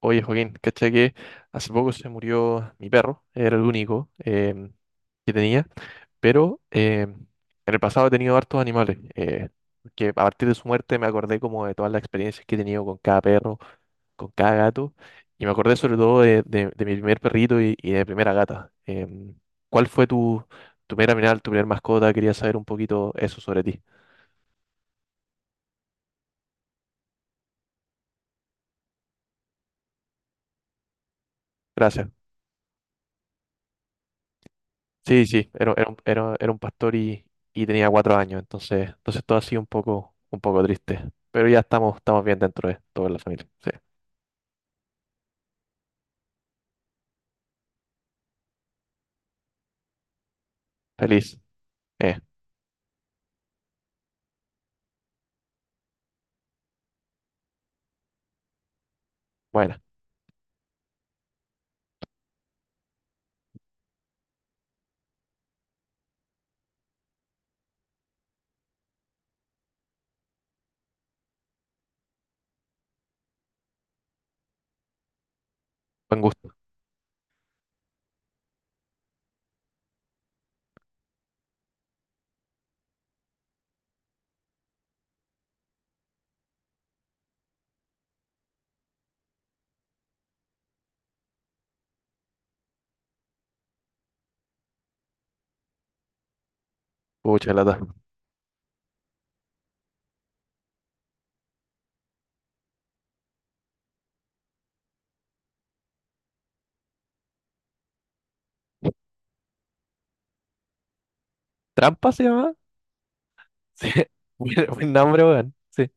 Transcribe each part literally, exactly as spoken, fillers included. Oye, Joaquín, caché que hace poco se murió mi perro, era el único em, que tenía, pero em, en el pasado he tenido hartos animales, eh, que a partir de su muerte me acordé como de todas las experiencias que he tenido con cada perro, con cada gato, y me acordé sobre todo de, de- de mi primer perrito y, y de mi primera gata. Em, ¿cuál fue tu, tu primera mirada, tu primera mascota? Quería saber un poquito eso sobre ti. Gracias. Sí, sí, era, era, un, era, era un pastor y, y tenía cuatro años, entonces, entonces todo ha sido un poco, un poco triste. Pero ya estamos, estamos bien dentro de toda la familia. Sí. Feliz. Eh, buena. Buen gusto. Pucha, lata. ¿Trampa se llama? Sí. Buen, buen nombre, weón. Sí.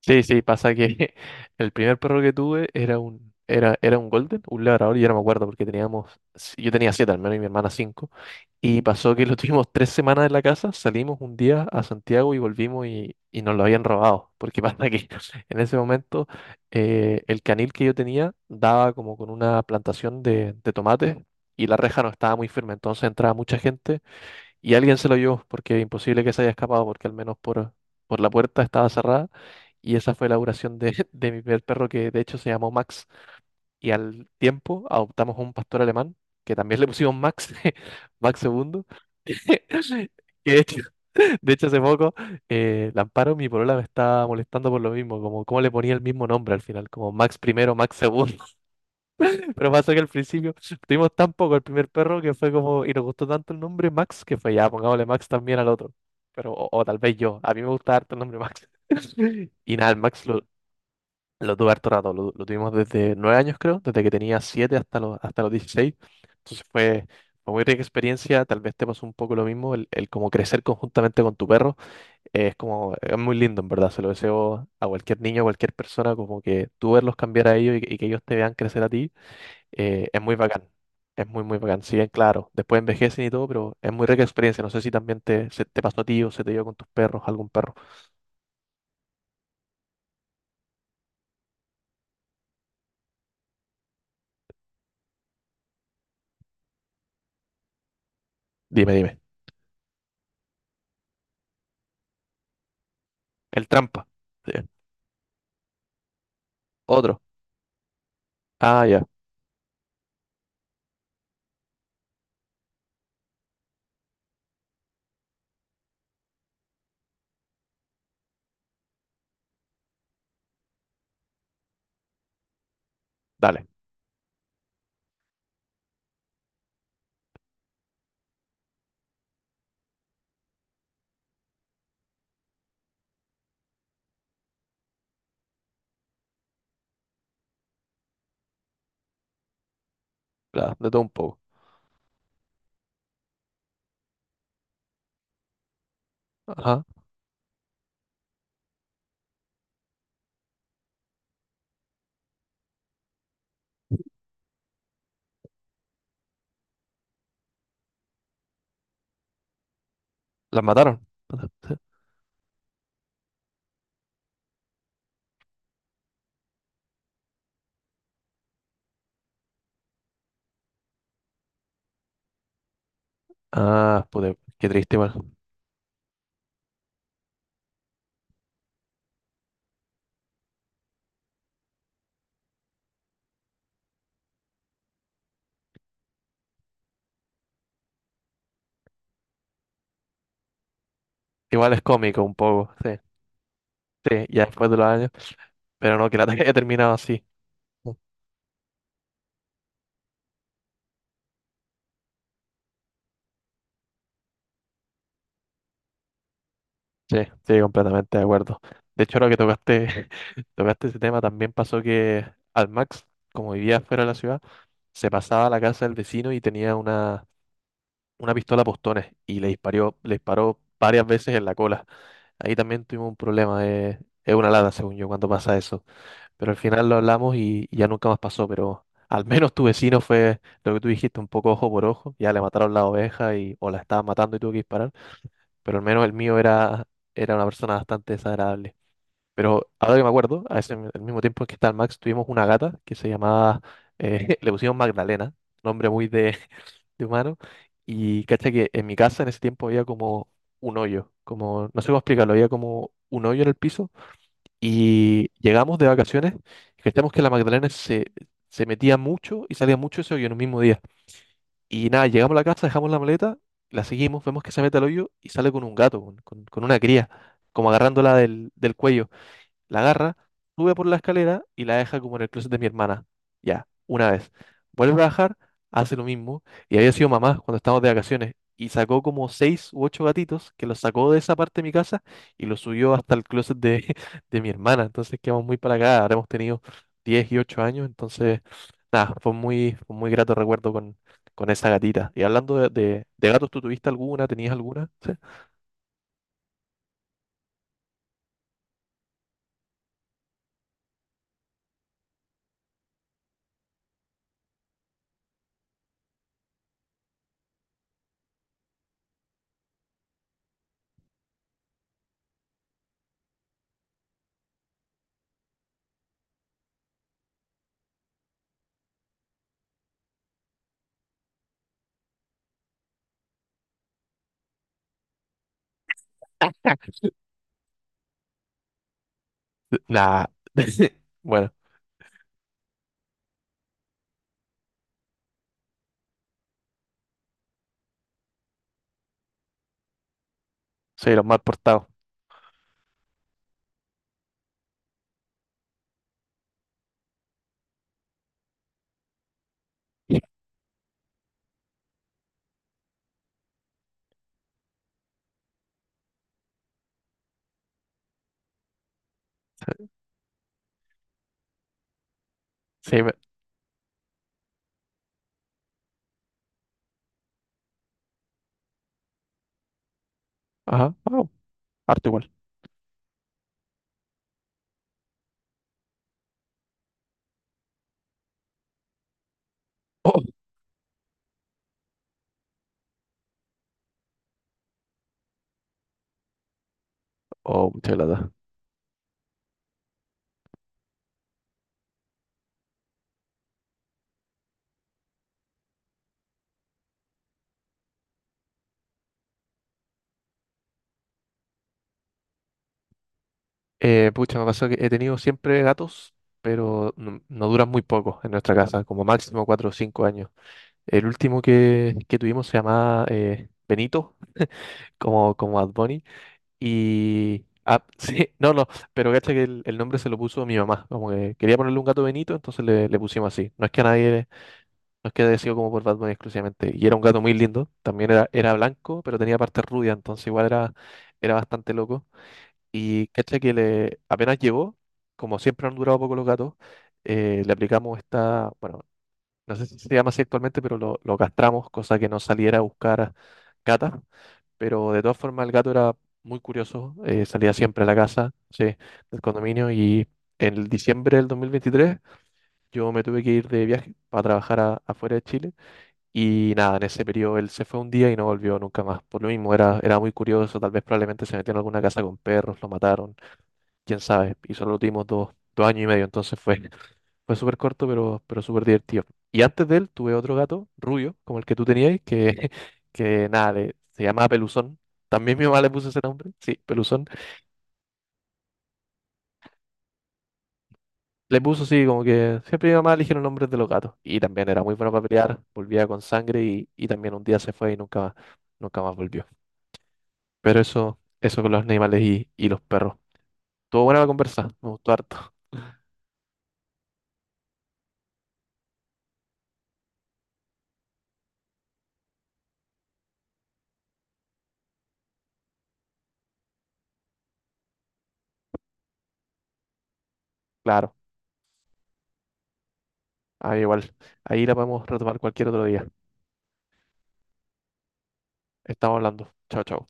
Sí, sí, pasa que el primer perro que tuve era un, era, era un Golden, un labrador, y ya no me acuerdo porque teníamos, si- yo tenía siete al menos y mi hermana cinco, y pasó que lo tuvimos tres semanas en la casa, salimos un día a Santiago y volvimos y, y nos lo habían robado, porque pasa que en ese momento eh, el canil que yo tenía daba como con una plantación de, de tomates y la reja no estaba muy firme, entonces entraba mucha gente y alguien se lo llevó, porque imposible que se haya escapado, porque al menos por, por la puerta estaba cerrada. Y esa fue la duración de, de mi primer perro, que de hecho se llamó Max. Y al tiempo adoptamos un pastor alemán, que también le pusimos Max, Max segundo. Que de hecho, de hecho hace poco, eh, la Amparo, mi polola, me estaba molestando por lo mismo, como cómo le ponía el mismo nombre al final, como Max primero, Max segundo. Pero pasó que al principio tuvimos tan poco el primer perro que fue como, y nos gustó tanto el nombre Max que fue ya, pongámosle Max también al otro. Pero, o, o tal vez yo, a mí me gusta harto el nombre Max. Y nada, el Max lo, lo tuve harto rato, lo, lo tuvimos desde nueve años creo, desde que tenía siete hasta los, hasta los dieciséis. Entonces fue, fue muy rica experiencia, tal vez te pasó un poco lo mismo, el, el como crecer conjuntamente con tu perro, eh, es como, es muy lindo en verdad, se lo deseo a cualquier niño, a cualquier persona, como que tú verlos cambiar a ellos y, que y que ellos te vean crecer a ti, eh, es muy bacán. Es muy, muy bacán. Si bien, claro, después envejecen y todo, pero es muy rica experiencia. No sé si también te, se te pasó a ti o se te dio con tus perros, algún perro. Dime, dime. El trampa. Sí. Otro. Ah, ya. Dale. La- de todo un poco. Ajá. ¿Las mataron? Ah, pude. Qué triste, igual. Igual es cómico un poco. Sí. Sí, ya después de los años. Pero no, que la ataque haya terminado así. Sí, sí, completamente de acuerdo. De hecho, ahora que tocaste, tocaste ese tema, también pasó que al Max, como vivía fuera de la ciudad, se pasaba a la casa del vecino y tenía una, una pistola a postones y le disparó, le disparó varias veces en la cola. Ahí también tuvimos un problema, eh, es una lata, según yo, cuando pasa eso. Pero al final lo hablamos y, y ya nunca más pasó, pero al menos tu vecino fue lo que tú dijiste, un poco ojo por ojo, ya le mataron la oveja y, o la estaban matando y tuvo que disparar, pero al menos el mío era, era una persona bastante desagradable. Pero ahora que me acuerdo, a ese, al mismo tiempo que está el Max, tuvimos una gata que se llamaba, eh, le pusimos Magdalena, nombre muy de, de humano. Y cacha que en mi casa en ese tiempo había como un hoyo, como, no sé cómo explicarlo, había como un hoyo en el piso. Y llegamos de vacaciones y cachamos que la Magdalena se, se metía mucho y salía mucho ese hoyo en un mismo día. Y nada, llegamos a la casa, dejamos la maleta, la seguimos, vemos que se mete al hoyo y sale con un gato, con, con- con una cría, como agarrándola del, del cuello. La agarra, sube por la escalera y la deja como en el closet de mi hermana. Ya, una vez. Vuelve a bajar, hace lo mismo. Y había sido mamá cuando estábamos de vacaciones. Y sacó como seis u ocho gatitos que los sacó de esa parte de mi casa y los subió hasta el closet de, de mi hermana. Entonces quedamos muy para acá. Ahora hemos tenido diez y ocho años. Entonces, nada, fue muy, fue muy grato recuerdo con, con esa gatita. Y hablando de, de- de gatos, ¿tú tuviste alguna? ¿Tenías alguna? Nah. Bueno, soy los mal portados. Sí, me- ajá, oh, harto igual. Oh, oh, mucha lata. Eh, pucha, me pasó que he tenido siempre gatos, pero no, no duran muy poco en nuestra casa, como máximo cuatro o cinco años. El último que, que tuvimos se llamaba eh, Benito, como, como Adboni. Y. Ah, sí, no, no, pero cacha que el, el nombre se lo puso mi mamá. Como que quería ponerle un gato Benito, entonces le, le pusimos así. No es que a nadie, no es que haya sido como por Batman exclusivamente. Y era un gato muy lindo, también era, era blanco, pero tenía partes rubias, entonces igual era, era bastante loco. Y cacha que le, apenas llegó, como siempre han durado poco los gatos, eh, le aplicamos esta, bueno, no sé si se llama así actualmente, pero lo, lo castramos, cosa que no saliera a buscar gatas, pero de todas formas el gato era muy curioso, eh, salía siempre a la casa, sí, del condominio y en diciembre del dos mil veintitrés yo me tuve que ir de viaje para trabajar a- afuera de Chile y nada, en ese periodo él se fue un día y no volvió nunca más. Por lo mismo era, era muy curioso, tal vez probablemente se metió en alguna casa con perros, lo mataron, quién sabe, y solo lo tuvimos dos, dos años y medio, entonces fue, fue súper corto, pero, pero súper divertido. Y antes de él tuve otro gato, rubio, como el que tú tenías, que, que nada, le- se llamaba Peluzón. También mi mamá le puso ese nombre, sí, Peluzón. Le puso, sí, como que siempre mi mamá eligió los nombres de los gatos. Y también era muy bueno para pelear, volvía con sangre y, y también un día se fue y nunca más, nunca más volvió. Pero eso, eso con los animales y, y los perros. Estuvo buena la conversa, me gustó harto, claro. Ahí igual, ahí la podemos retomar cualquier otro día. Estamos hablando. Chao, chao.